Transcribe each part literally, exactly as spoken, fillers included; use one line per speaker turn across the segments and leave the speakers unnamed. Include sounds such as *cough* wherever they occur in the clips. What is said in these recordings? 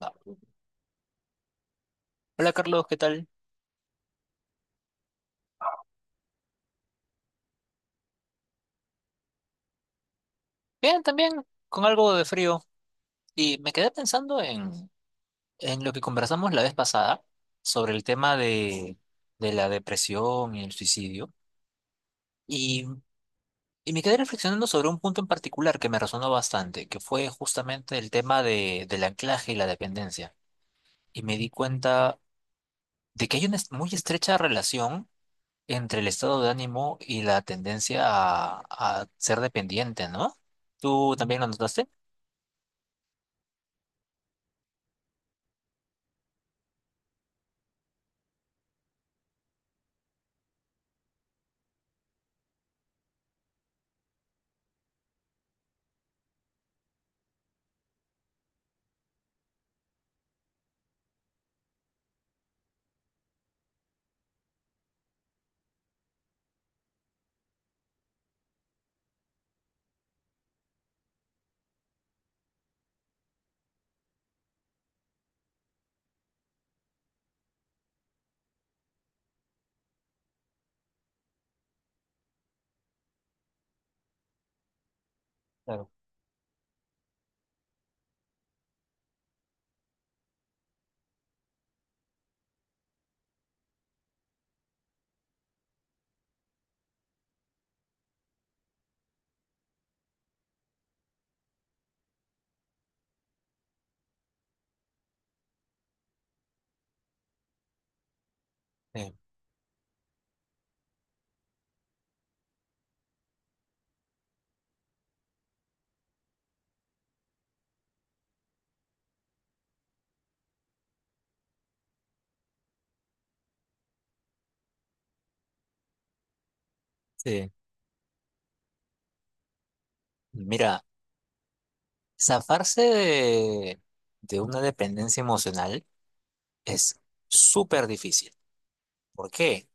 Ah, Hola Carlos, ¿qué tal? Bien, también con algo de frío. Y me quedé pensando en, en lo que conversamos la vez pasada sobre el tema de, de la depresión y el suicidio. Y, y me quedé reflexionando sobre un punto en particular que me resonó bastante, que fue justamente el tema de, del anclaje y la dependencia. Y me di cuenta de que hay una est- muy estrecha relación entre el estado de ánimo y la tendencia a, a ser dependiente, ¿no? ¿Tú también lo notaste? Claro. Sí. Sí, mira, zafarse de, de una dependencia emocional es súper difícil. ¿Por qué?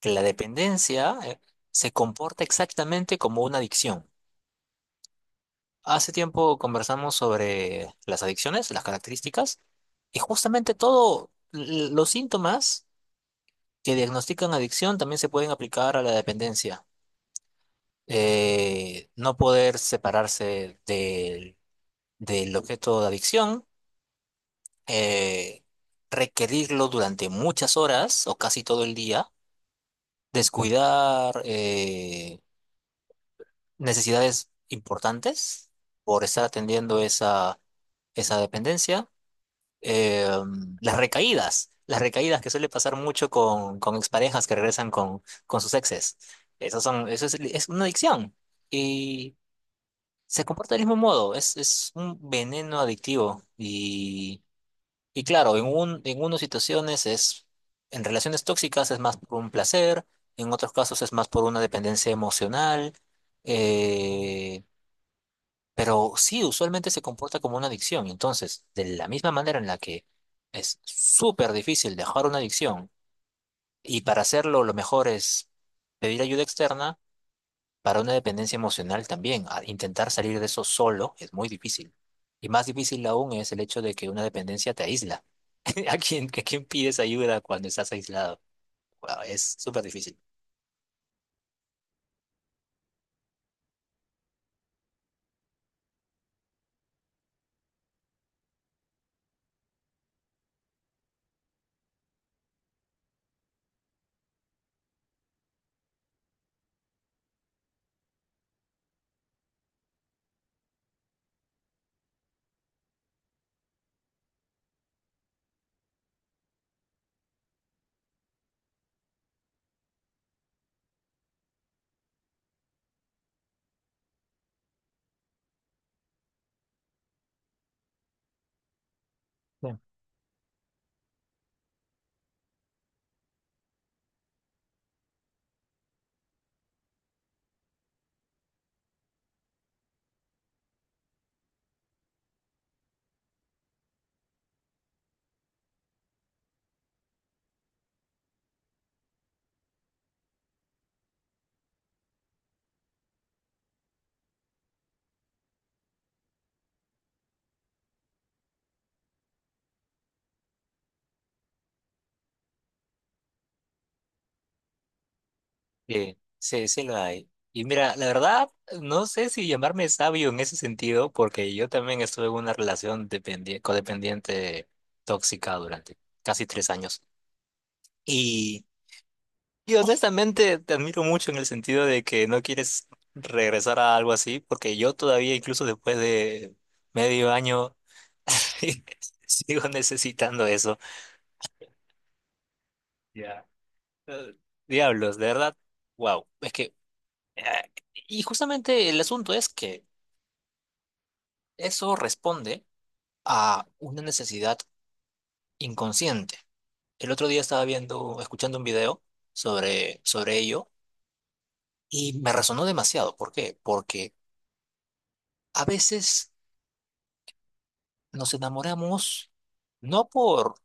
Que la dependencia eh, se comporta exactamente como una adicción. Hace tiempo conversamos sobre las adicciones, las características, y justamente todos los síntomas que diagnostican adicción también se pueden aplicar a la dependencia. Eh, no poder separarse del del objeto de adicción eh, requerirlo durante muchas horas o casi todo el día, descuidar eh, necesidades importantes por estar atendiendo esa, esa dependencia, eh, las recaídas, las recaídas que suele pasar mucho con, con exparejas que regresan con, con sus exes. Esas son, eso es, es una adicción y se comporta del mismo modo, es, es un veneno adictivo y... Y claro, en un, en unas situaciones es, en relaciones tóxicas es más por un placer, en otros casos es más por una dependencia emocional, eh, pero sí, usualmente se comporta como una adicción. Entonces, de la misma manera en la que es súper difícil dejar una adicción y para hacerlo lo mejor es pedir ayuda externa, para una dependencia emocional también, a- intentar salir de eso solo es muy difícil. Y más difícil aún es el hecho de que una dependencia te aísla. *laughs* ¿A quién, a quién pides ayuda cuando estás aislado? Guau, es súper difícil. Sí. Eh, sí, sí lo hay. Y mira, la verdad, no sé si llamarme sabio en ese sentido, porque yo también estuve en una relación dependi- codependiente tóxica durante casi tres años. y Y honestamente te admiro mucho en el sentido de que no quieres regresar a algo así, porque yo todavía, incluso después de medio año, *laughs* sigo necesitando eso. Ya. Eh, diablos, de verdad, wow. Es que, eh, y justamente el asunto es que eso responde a una necesidad inconsciente. El otro día estaba viendo, escuchando un video sobre, sobre ello y me resonó demasiado. ¿Por qué? Porque a veces. Nos enamoramos no por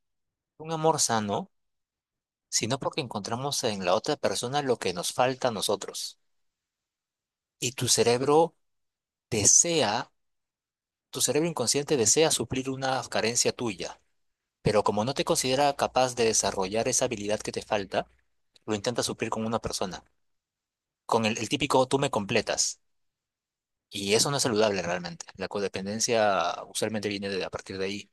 un amor sano, sino porque encontramos en la otra persona lo que nos falta a nosotros. Y tu cerebro desea, tu cerebro inconsciente desea suplir una carencia tuya, pero como no te considera capaz de desarrollar esa habilidad que te falta, lo intenta suplir con una persona, con el, el típico tú me completas. Y eso no es saludable realmente. La codependencia usualmente viene de, a partir de ahí.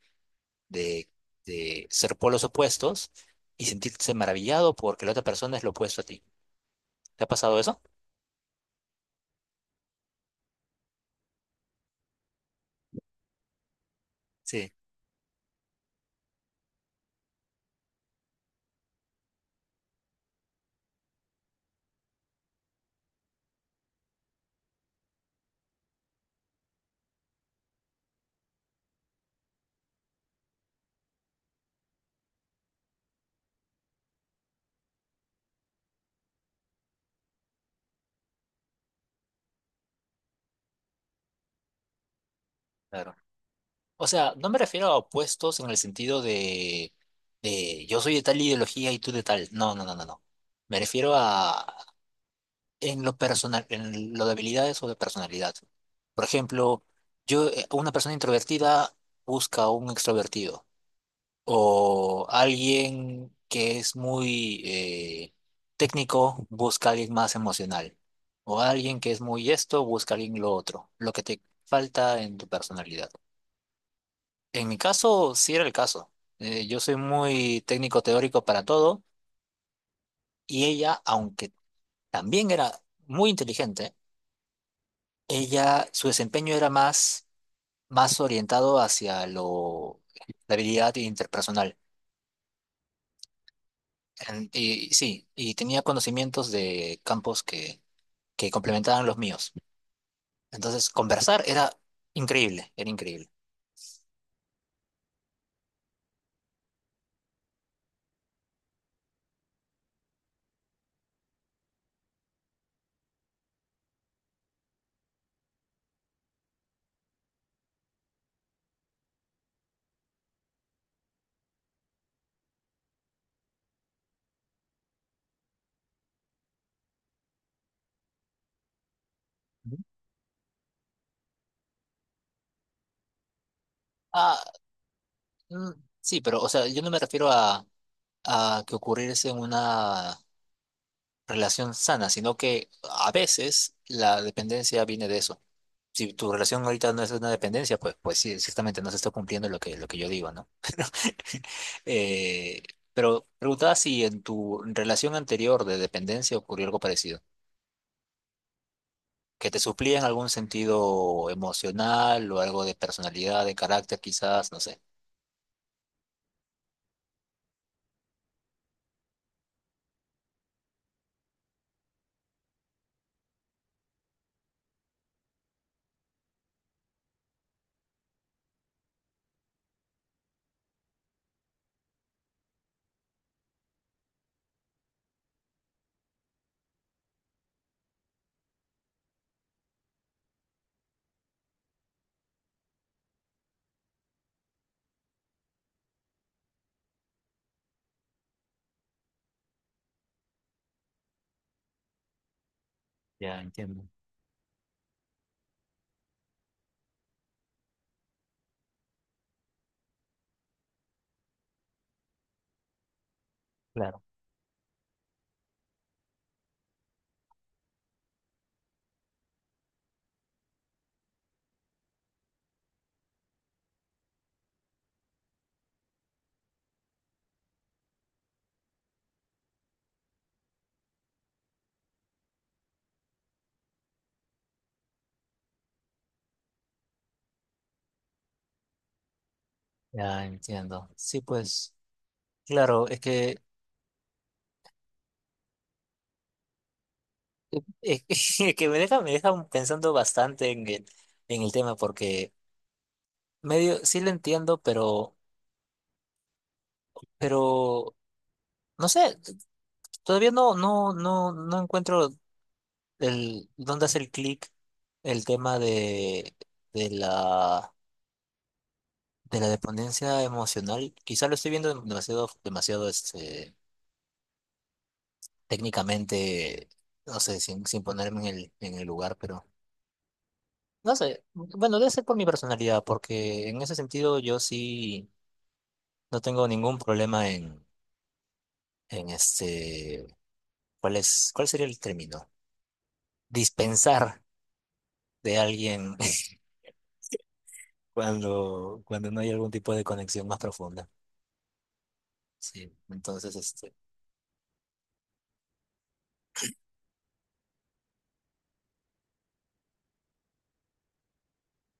de, de ser polos opuestos y sentirse maravillado porque la otra persona es lo opuesto a ti. ¿Te ha pasado eso? Sí, claro. O sea, no me refiero a opuestos en el sentido de, de yo soy de tal ideología y tú de tal. No, no, no, no, no. Me refiero a en lo personal, en lo de habilidades o de personalidad. Por ejemplo, yo, eh, una persona introvertida busca a un extrovertido, o alguien que es muy eh, técnico busca a alguien más emocional, o alguien que es muy esto busca a alguien lo otro, lo que te falta en tu personalidad. En mi caso, sí era el caso. Eh, yo soy muy técnico teórico para todo y ella, aunque también era muy inteligente, ella, su desempeño era más, más orientado hacia lo, la habilidad interpersonal. En- Y sí, y tenía conocimientos de campos que, que complementaban los míos. Entonces, conversar era increíble, era increíble. Ujú. Ah, mm, sí, pero, o sea, yo no me refiero a, a que ocurriese una relación sana, sino que a veces la dependencia viene de eso. Si tu relación ahorita no es una dependencia, pues, pues sí, ciertamente no se está cumpliendo lo que, lo que yo digo, ¿no? Eh, pero preguntaba si en tu relación anterior de dependencia ocurrió algo parecido. Que te suplía en algún sentido emocional o algo de personalidad, de carácter quizás, no sé. Ya entiendo, claro, ya entiendo. Sí, pues, claro, es que, es *laughs* que que me deja, me deja pensando bastante en el, en el tema porque medio, sí lo entiendo, pero, pero, no sé, todavía no, no, no, no encuentro el, dónde hacer clic el tema de, de la de la dependencia emocional, quizá lo estoy viendo demasiado, demasiado este, técnicamente, no sé, sin, sin ponerme en el, en el lugar, pero no sé, bueno, debe ser por mi personalidad, porque en ese sentido yo sí no tengo ningún problema en, en este, ¿cuál es, cuál sería el término? Dispensar de alguien *laughs* cuando, cuando no hay algún tipo de conexión más profunda. Sí, entonces, este,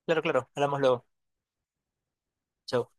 claro, claro, hablamos luego. Chao.